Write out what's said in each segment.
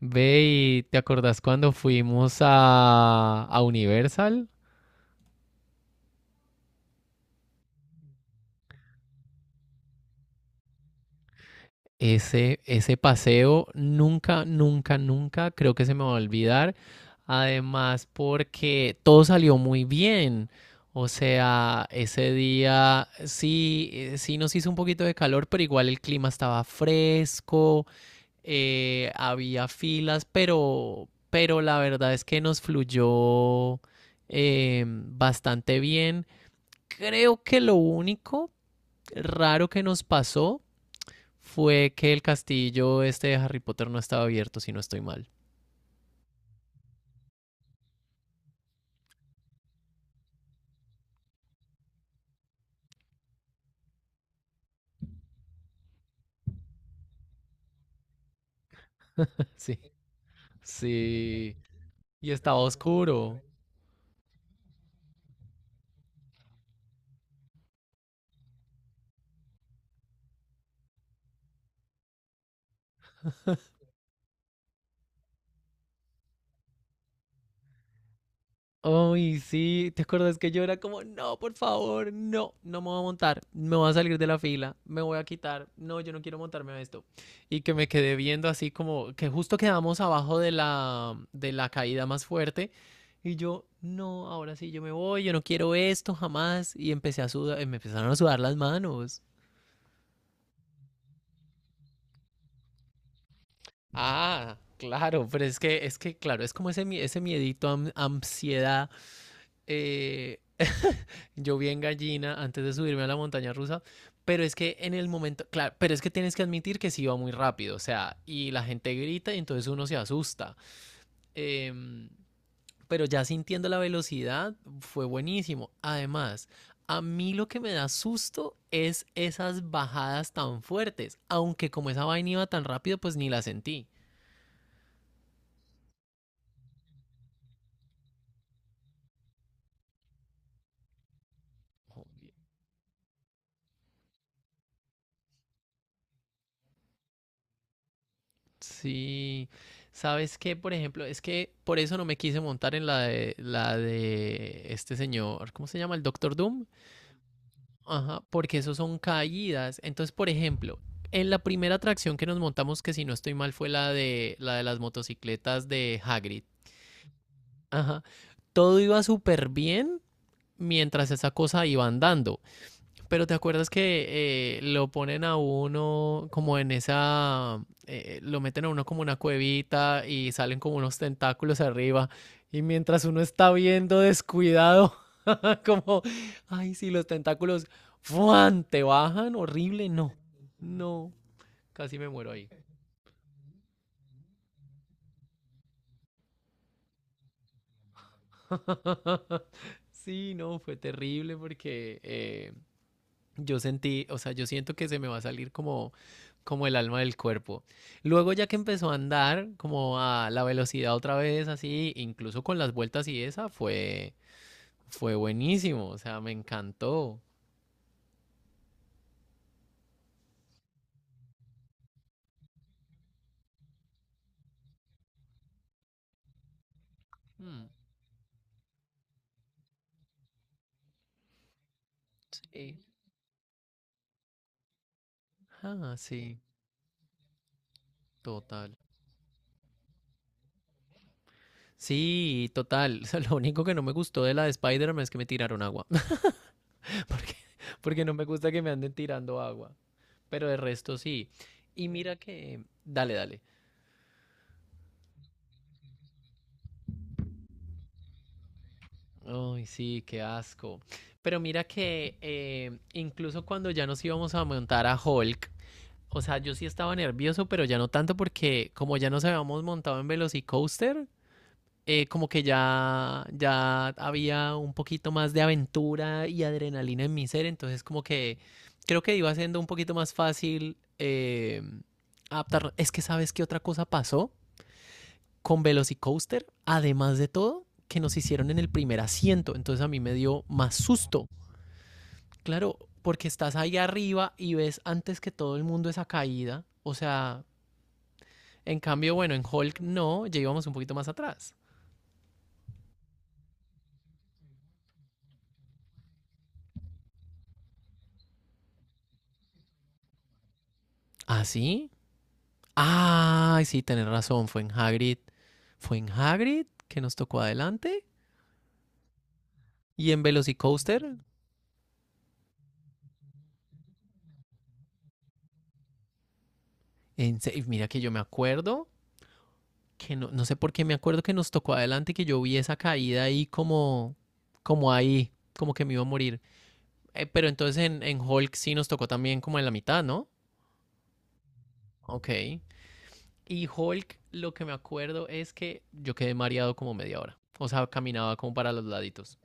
Ve y te acordás cuando fuimos a Universal. Ese paseo nunca creo que se me va a olvidar. Además, porque todo salió muy bien. O sea, ese día sí, sí nos hizo un poquito de calor, pero igual el clima estaba fresco, había filas, pero la verdad es que nos fluyó bastante bien. Creo que lo único raro que nos pasó fue que el castillo este de Harry Potter no estaba abierto, si no estoy mal. Sí, sí. Y estaba oscuro. Ay, sí, ¿te acuerdas que yo era como, no, por favor, no, no me voy a montar, me voy a salir de la fila, me voy a quitar, no, yo no quiero montarme a esto? Y que me quedé viendo así como que justo quedamos abajo de la caída más fuerte. Y yo, no, ahora sí yo me voy, yo no quiero esto jamás. Y empecé a sudar, me empezaron a sudar las manos. Ah, claro, pero es que, claro, es como ese, ese miedito, ansiedad. eh, Yo vi en gallina antes de subirme a la montaña rusa, pero es que en el momento, claro, pero es que tienes que admitir que sí iba muy rápido, o sea, y la gente grita y entonces uno se asusta. Em, pero ya sintiendo la velocidad fue buenísimo. Además, a mí lo que me da susto es esas bajadas tan fuertes, aunque como esa vaina iba tan rápido, pues ni la sentí. Sí, ¿sabes qué? Por ejemplo, es que por eso no me quise montar en la de este señor, ¿cómo se llama? El Doctor Doom. Ajá, porque eso son caídas. Entonces, por ejemplo, en la primera atracción que nos montamos, que si no estoy mal, fue la de las motocicletas de Hagrid. Ajá, todo iba súper bien mientras esa cosa iba andando. Pero te acuerdas que lo ponen a uno como en esa, lo meten a uno como una cuevita y salen como unos tentáculos arriba, y mientras uno está viendo descuidado, como, ay, si los tentáculos, ¡fuan! Te bajan, horrible, no, no, casi me muero ahí. Sí, no, fue terrible porque yo sentí, o sea, yo siento que se me va a salir como, como el alma del cuerpo. Luego ya que empezó a andar como a la velocidad otra vez, así, incluso con las vueltas y esa, fue, fue buenísimo, o sea, me encantó. Mm, sí. Ah, sí, total. Sí, total. O sea, lo único que no me gustó de la de Spider-Man es que me tiraron agua. Porque, porque no me gusta que me anden tirando agua. Pero de resto sí. Y mira que... Dale, dale. Ay, sí, qué asco. Pero mira que incluso cuando ya nos íbamos a montar a Hulk, o sea, yo sí estaba nervioso, pero ya no tanto porque como ya nos habíamos montado en Velocicoaster, como que ya había un poquito más de aventura y adrenalina en mi ser, entonces como que creo que iba siendo un poquito más fácil adaptarlo. Es que sabes qué otra cosa pasó con Velocicoaster, además de todo, que nos hicieron en el primer asiento. Entonces a mí me dio más susto. Claro, porque estás ahí arriba y ves antes que todo el mundo esa caída. O sea, en cambio, bueno, en Hulk no, ya íbamos un poquito más atrás. ¿Ah, sí? Ay, sí, tenés razón, fue en Hagrid. Fue en Hagrid que nos tocó adelante. Y en Velocicoaster, en mira que yo me acuerdo que no, no sé por qué me acuerdo que nos tocó adelante, que yo vi esa caída ahí como, como ahí, como que me iba a morir. Pero entonces en Hulk sí nos tocó también como en la mitad, ¿no? Ok. Y Hulk, lo que me acuerdo es que yo quedé mareado como media hora. O sea, caminaba como para los laditos.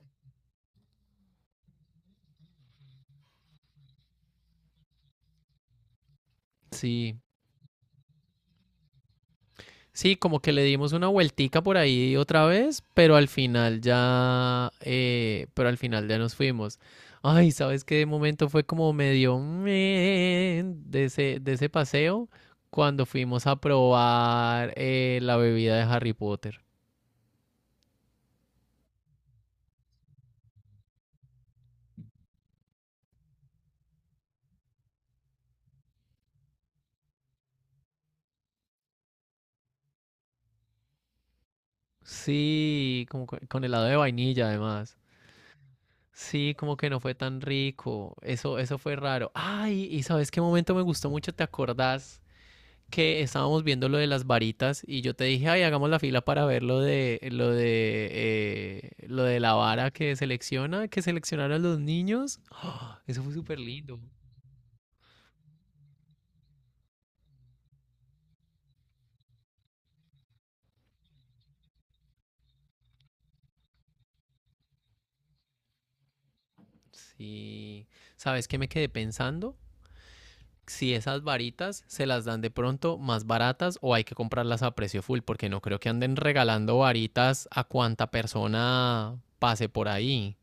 Sí, sí, como que le dimos una vueltica por ahí otra vez, pero al final ya, pero al final ya nos fuimos. Ay, ¿sabes qué? De momento fue como medio meh de ese paseo cuando fuimos a probar la bebida de Harry Potter. Sí, como con helado de vainilla además. Sí, como que no fue tan rico. Eso fue raro. Ay, ¿y sabes qué momento me gustó mucho? ¿Te acordás? Que estábamos viendo lo de las varitas y yo te dije, ay, hagamos la fila para ver lo de lo de la vara que selecciona, que seleccionaron los niños. ¡Ah! Eso fue súper lindo. Sí. ¿Sabes qué me quedé pensando? Si esas varitas se las dan de pronto más baratas o hay que comprarlas a precio full, porque no creo que anden regalando varitas a cuanta persona pase por ahí.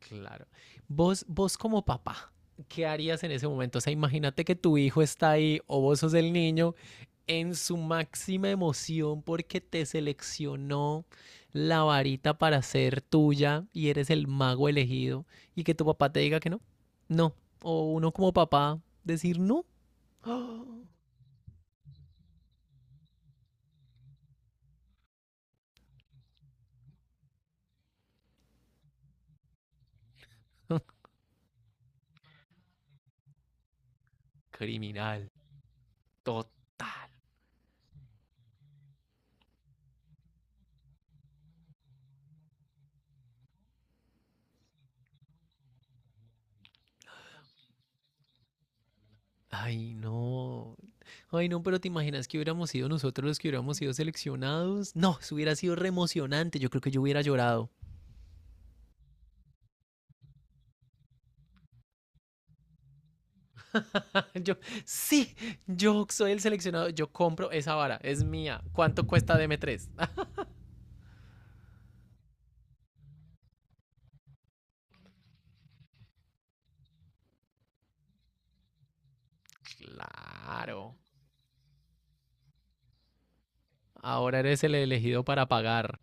Claro. Vos como papá, ¿qué harías en ese momento? O sea, imagínate que tu hijo está ahí o vos sos el niño en su máxima emoción porque te seleccionó la varita para ser tuya y eres el mago elegido, y que tu papá te diga que no. No. O uno como papá decir no. Criminal. Total. Ay, no. Ay, no, pero ¿te imaginas que hubiéramos sido nosotros los que hubiéramos sido seleccionados? No, eso hubiera sido re emocionante. Yo creo que yo hubiera llorado. Yo, sí, yo soy el seleccionado. Yo compro esa vara, es mía. ¿Cuánto cuesta dm tres? Claro. Ahora eres el elegido para pagar.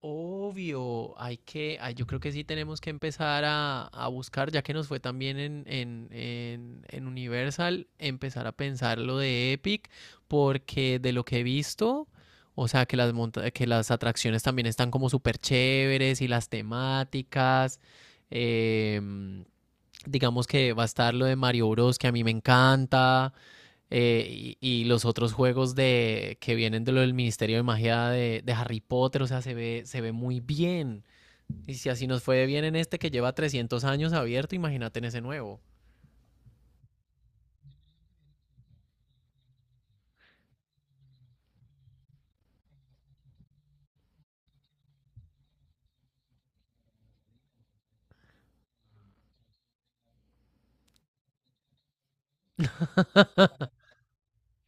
Obvio, hay que, ay, yo creo que sí tenemos que empezar a buscar, ya que nos fue también en Universal, empezar a pensar lo de Epic, porque de lo que he visto, o sea, que que las atracciones también están como súper chéveres y las temáticas, em, digamos que va a estar lo de Mario Bros, que a mí me encanta, y los otros juegos de, que vienen de lo del Ministerio de Magia de Harry Potter, o sea, se ve muy bien. Y si así nos fue bien en este que lleva 300 años abierto, imagínate en ese nuevo.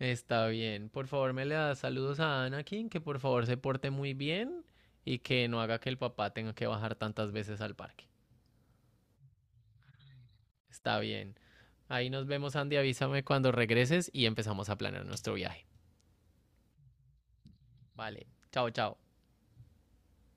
Está bien. Por favor, me le das saludos a Anakin, que por favor se porte muy bien y que no haga que el papá tenga que bajar tantas veces al parque. Está bien. Ahí nos vemos, Andy. Avísame cuando regreses y empezamos a planear nuestro viaje. Vale. Chao, chao.